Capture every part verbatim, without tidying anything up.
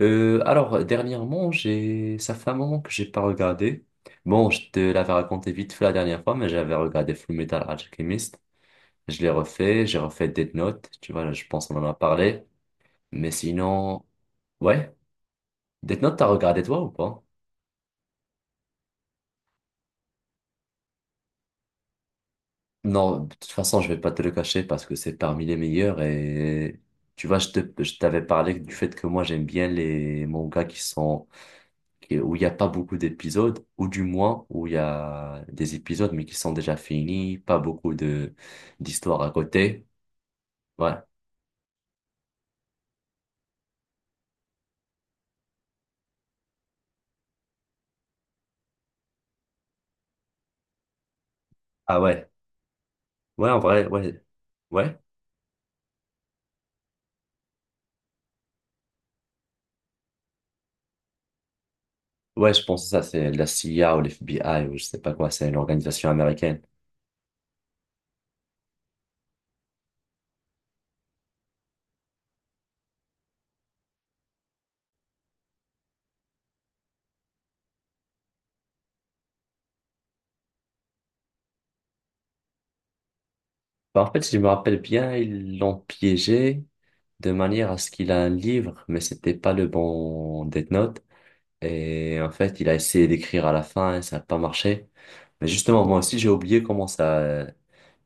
Euh, alors, dernièrement, j'ai... ça fait un moment que j'ai pas regardé. Bon, je te l'avais raconté vite fait la dernière fois, mais j'avais regardé Fullmetal Alchemist. Je l'ai refait, j'ai refait Death Note. Tu vois, je pense qu'on en a parlé. Mais sinon, ouais. Death Note, t'as regardé toi ou pas? Non, de toute façon, je vais pas te le cacher parce que c'est parmi les meilleurs et tu vois, je te, je t'avais parlé du fait que moi j'aime bien les mangas qui sont qui- où il n'y a pas beaucoup d'épisodes, ou du moins où il y a des épisodes mais qui sont déjà finis, pas beaucoup de d'histoires à côté. Ouais. Ah ouais. Ouais, en vrai, ouais. Ouais. Ouais, je pense que ça, c'est la C I A ou l'F B I ou je sais pas quoi, c'est l'organisation américaine. Bah, en fait, si je me rappelle bien, ils l'ont piégé de manière à ce qu'il a un livre, mais c'était pas le bon Death Note. Et en fait, il a essayé d'écrire à la fin et ça n'a pas marché. Mais justement, moi aussi, j'ai oublié comment ça.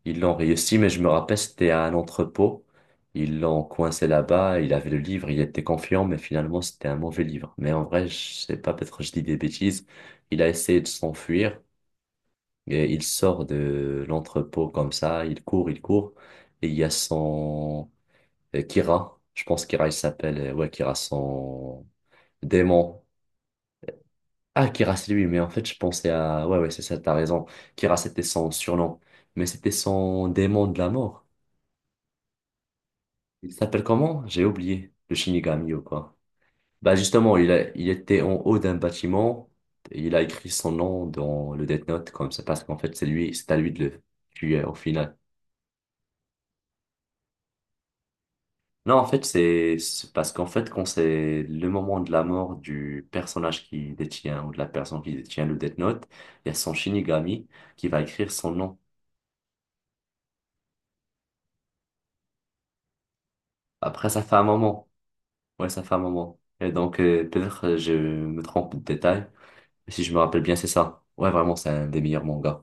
Ils l'ont réussi, mais je me rappelle, c'était à un entrepôt. Ils l'ont coincé là-bas, il avait le livre, il était confiant, mais finalement, c'était un mauvais livre. Mais en vrai, je sais pas, peut-être que je dis des bêtises. Il a essayé de s'enfuir et il sort de l'entrepôt comme ça, il court, il court. Et il y a son euh, Kira, je pense Kira, il s'appelle, euh, ouais, Kira, son démon. Ah, Kira, c'est lui, mais en fait, je pensais à, ouais, ouais, c'est ça, t'as raison. Kira, c'était son surnom, mais c'était son démon de la mort. Il s'appelle comment? J'ai oublié. Le Shinigami ou quoi? Bah justement, il a, il était en haut d'un bâtiment. Et il a écrit son nom dans le Death Note comme ça parce qu'en fait c'est lui, c'est à lui de le tuer au final. Non, en fait c'est c'est parce qu'en fait quand c'est le moment de la mort du personnage qui détient ou de la personne qui détient le Death Note, il y a son Shinigami qui va écrire son nom. Après ça fait un moment. Ouais, ça fait un moment. Et donc euh, peut-être euh, je me trompe de détail. Mais si je me rappelle bien, c'est ça. Ouais, vraiment c'est un des meilleurs mangas.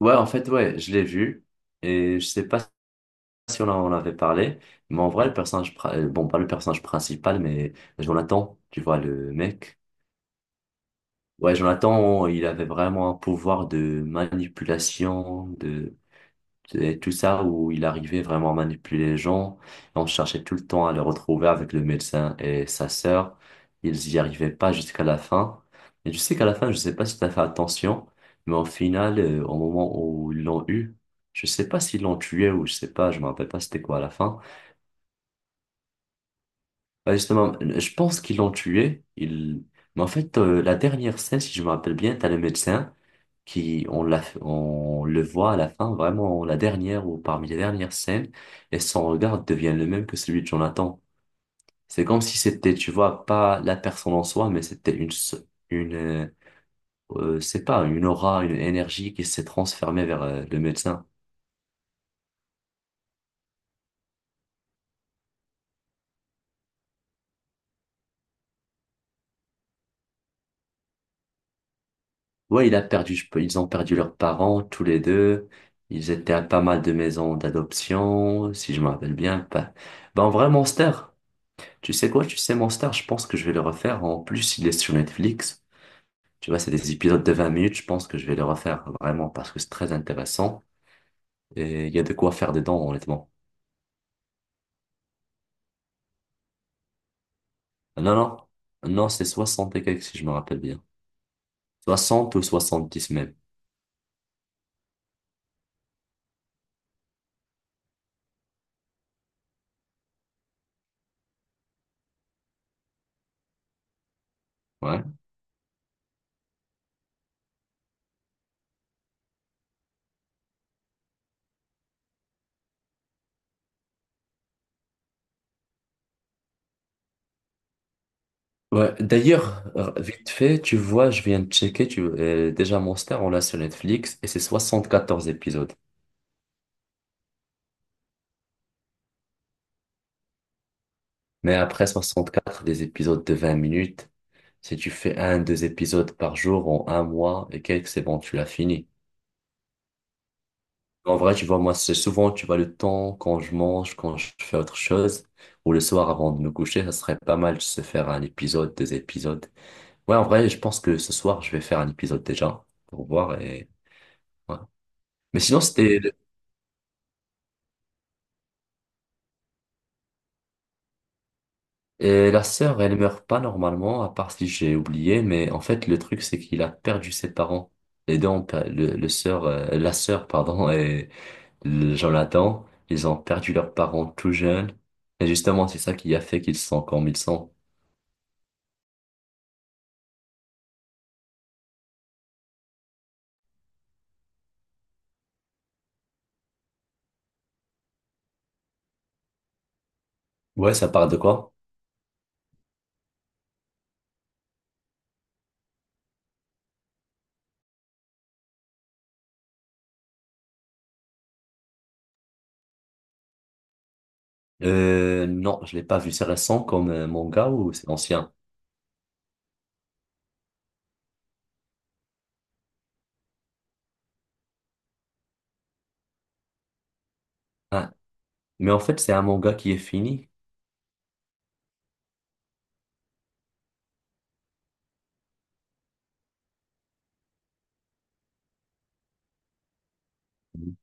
Ouais, en fait, ouais, je l'ai vu et je sais pas si on en avait parlé, mais en vrai, le personnage, pri- euh, bon, pas le personnage principal, mais Jonathan, tu vois, le mec. Ouais, Jonathan, il avait vraiment un pouvoir de manipulation, de et tout ça où il arrivait vraiment à manipuler les gens. Et on cherchait tout le temps à le retrouver avec le médecin et sa sœur. Ils y arrivaient pas jusqu'à la fin. Et je sais qu'à la fin, je sais pas si t'as fait attention, mais au final, euh, au moment où ils l'ont eu, je sais pas s'ils l'ont tué ou je sais pas, je me rappelle pas c'était quoi à la fin. Bah, justement, je pense qu'ils l'ont tué. Il... Mais en fait, euh, la dernière scène, si je me rappelle bien, t'as le médecin qui, on l'a, on le voit à la fin, vraiment la dernière ou parmi les dernières scènes, et son regard devient le même que celui de Jonathan. C'est comme si c'était, tu vois, pas la personne en soi, mais c'était une, se- une, euh, euh, c'est pas une aura, une énergie qui s'est transformée vers euh, le médecin. Ouais, il a perdu, je peux- ils ont perdu leurs parents, tous les deux. Ils étaient à pas mal de maisons d'adoption, si je me rappelle bien. Pas... Ben, en vrai, Monster, tu sais quoi, tu sais, Monster, je pense que je vais le refaire. En plus, il est sur Netflix. Tu vois, c'est des épisodes de vingt minutes, je pense que je vais le refaire, vraiment, parce que c'est très intéressant. Et il y a de quoi faire dedans, honnêtement. Non, non, non, c'est soixante et quelques, si je me rappelle bien. Soixante ou soixante-dix même. Ouais. Ouais, d'ailleurs, r- vite fait, tu vois, je viens de checker, tu, euh, déjà Monster, on l'a sur Netflix et c'est soixante-quatorze épisodes. Mais après soixante-quatre des épisodes de vingt minutes, si tu fais un, deux épisodes par jour en un mois et quelques, c'est bon, tu l'as fini. En vrai, tu vois, moi, c'est souvent, tu vois, le temps quand je mange, quand je fais autre chose, ou le soir avant de me coucher, ça serait pas mal de se faire un épisode, deux épisodes. Ouais, en vrai, je pense que ce soir, je vais faire un épisode déjà pour voir et. ouais. Mais sinon, c'était. Et la sœur, elle meurt pas normalement, à part si j'ai oublié, mais en fait, le truc, c'est qu'il a perdu ses parents. Les deux ont per- le, le sœur, euh, la sœur, pardon, et le Jonathan, ils ont perdu leurs parents tout jeunes. Et justement, c'est ça qui a fait qu'ils sont comme ils sont. Ouais, ça parle de quoi? Euh, non, je l'ai pas vu. C'est récent comme euh, manga ou c'est ancien? Ah, mais en fait, c'est un manga qui est fini. Mhm.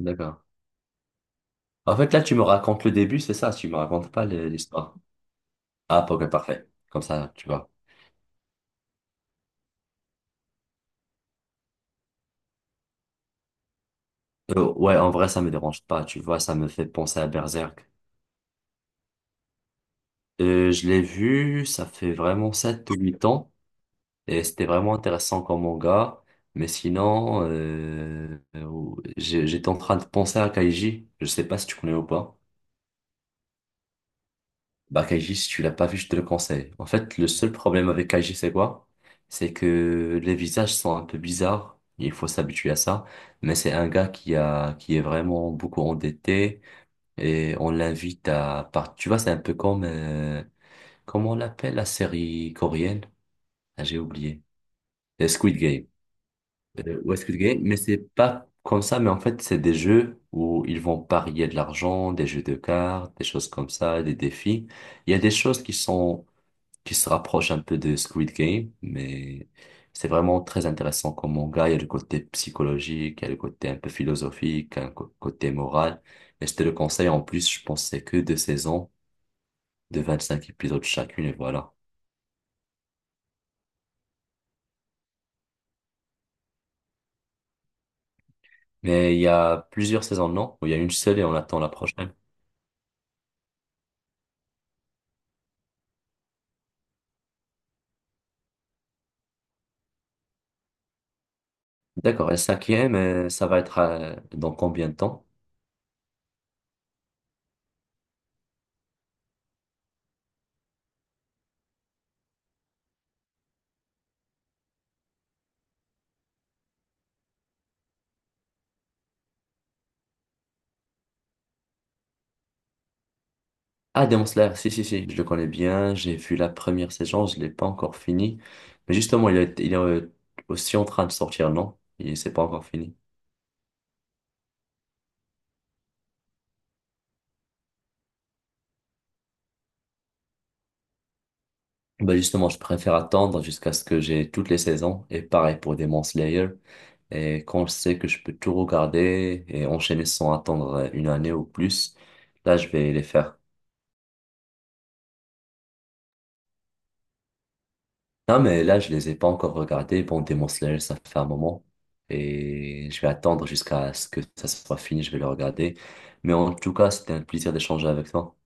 D'accord. En fait, là, tu me racontes le début, c'est ça, tu me racontes pas le- l'histoire. Ah, ok, parfait. Comme ça, tu vas. Euh, ouais, en vrai, ça me dérange pas, tu vois, ça me fait penser à Berserk. Euh, je l'ai vu, ça fait vraiment sept ou huit ans, et c'était vraiment intéressant comme manga. Mais sinon, euh, euh, j'ai- j'étais en train de penser à Kaiji, je sais pas si tu connais ou pas. Bah, Kaiji, si tu l'as pas vu, je te le conseille. En fait, le seul problème avec Kaiji, c'est quoi? C'est que les visages sont un peu bizarres, il faut s'habituer à ça. Mais c'est un gars qui a, qui est vraiment beaucoup endetté. Et on l'invite à part. Tu vois, c'est un peu comme, euh, comment on l'appelle la série coréenne? Ah, j'ai oublié. Euh, Squid Game. Euh, ouais, Squid Game, mais c'est pas comme ça, mais en fait, c'est des jeux où ils vont parier de l'argent, des jeux de cartes, des choses comme ça, des défis. Il y a des choses qui sont, qui se rapprochent un peu de Squid Game, mais c'est vraiment très intéressant comme manga. Il y a le côté psychologique, il y a le côté un peu philosophique, un co- côté moral. Et je te le conseille en plus, je pense que c'est que deux saisons. de vingt-cinq épisodes chacune, et voilà. Mais il y a plusieurs saisons, non? Ou il y a une seule et on attend la prochaine. D'accord, et la cinquième, euh, ça va être euh, dans combien de temps? Ah, Demon Slayer, si, si, si, je le connais bien, j'ai vu la première saison, je l'ai pas encore fini. Mais justement, il est, il est euh, aussi en train de sortir, non? Il c'est pas encore fini. Bah justement, je préfère attendre jusqu'à ce que j'ai toutes les saisons, et pareil pour Demon Slayer. Et quand je sais que je peux tout regarder et enchaîner sans attendre euh, une année ou plus, là, je vais les faire. Non, mais là, je les ai pas encore regardés. Bon, Demon Slayer, ça fait un moment. Et je vais attendre jusqu'à ce que ça soit fini, je vais le regarder. Mais en tout cas, c'était un plaisir d'échanger avec toi.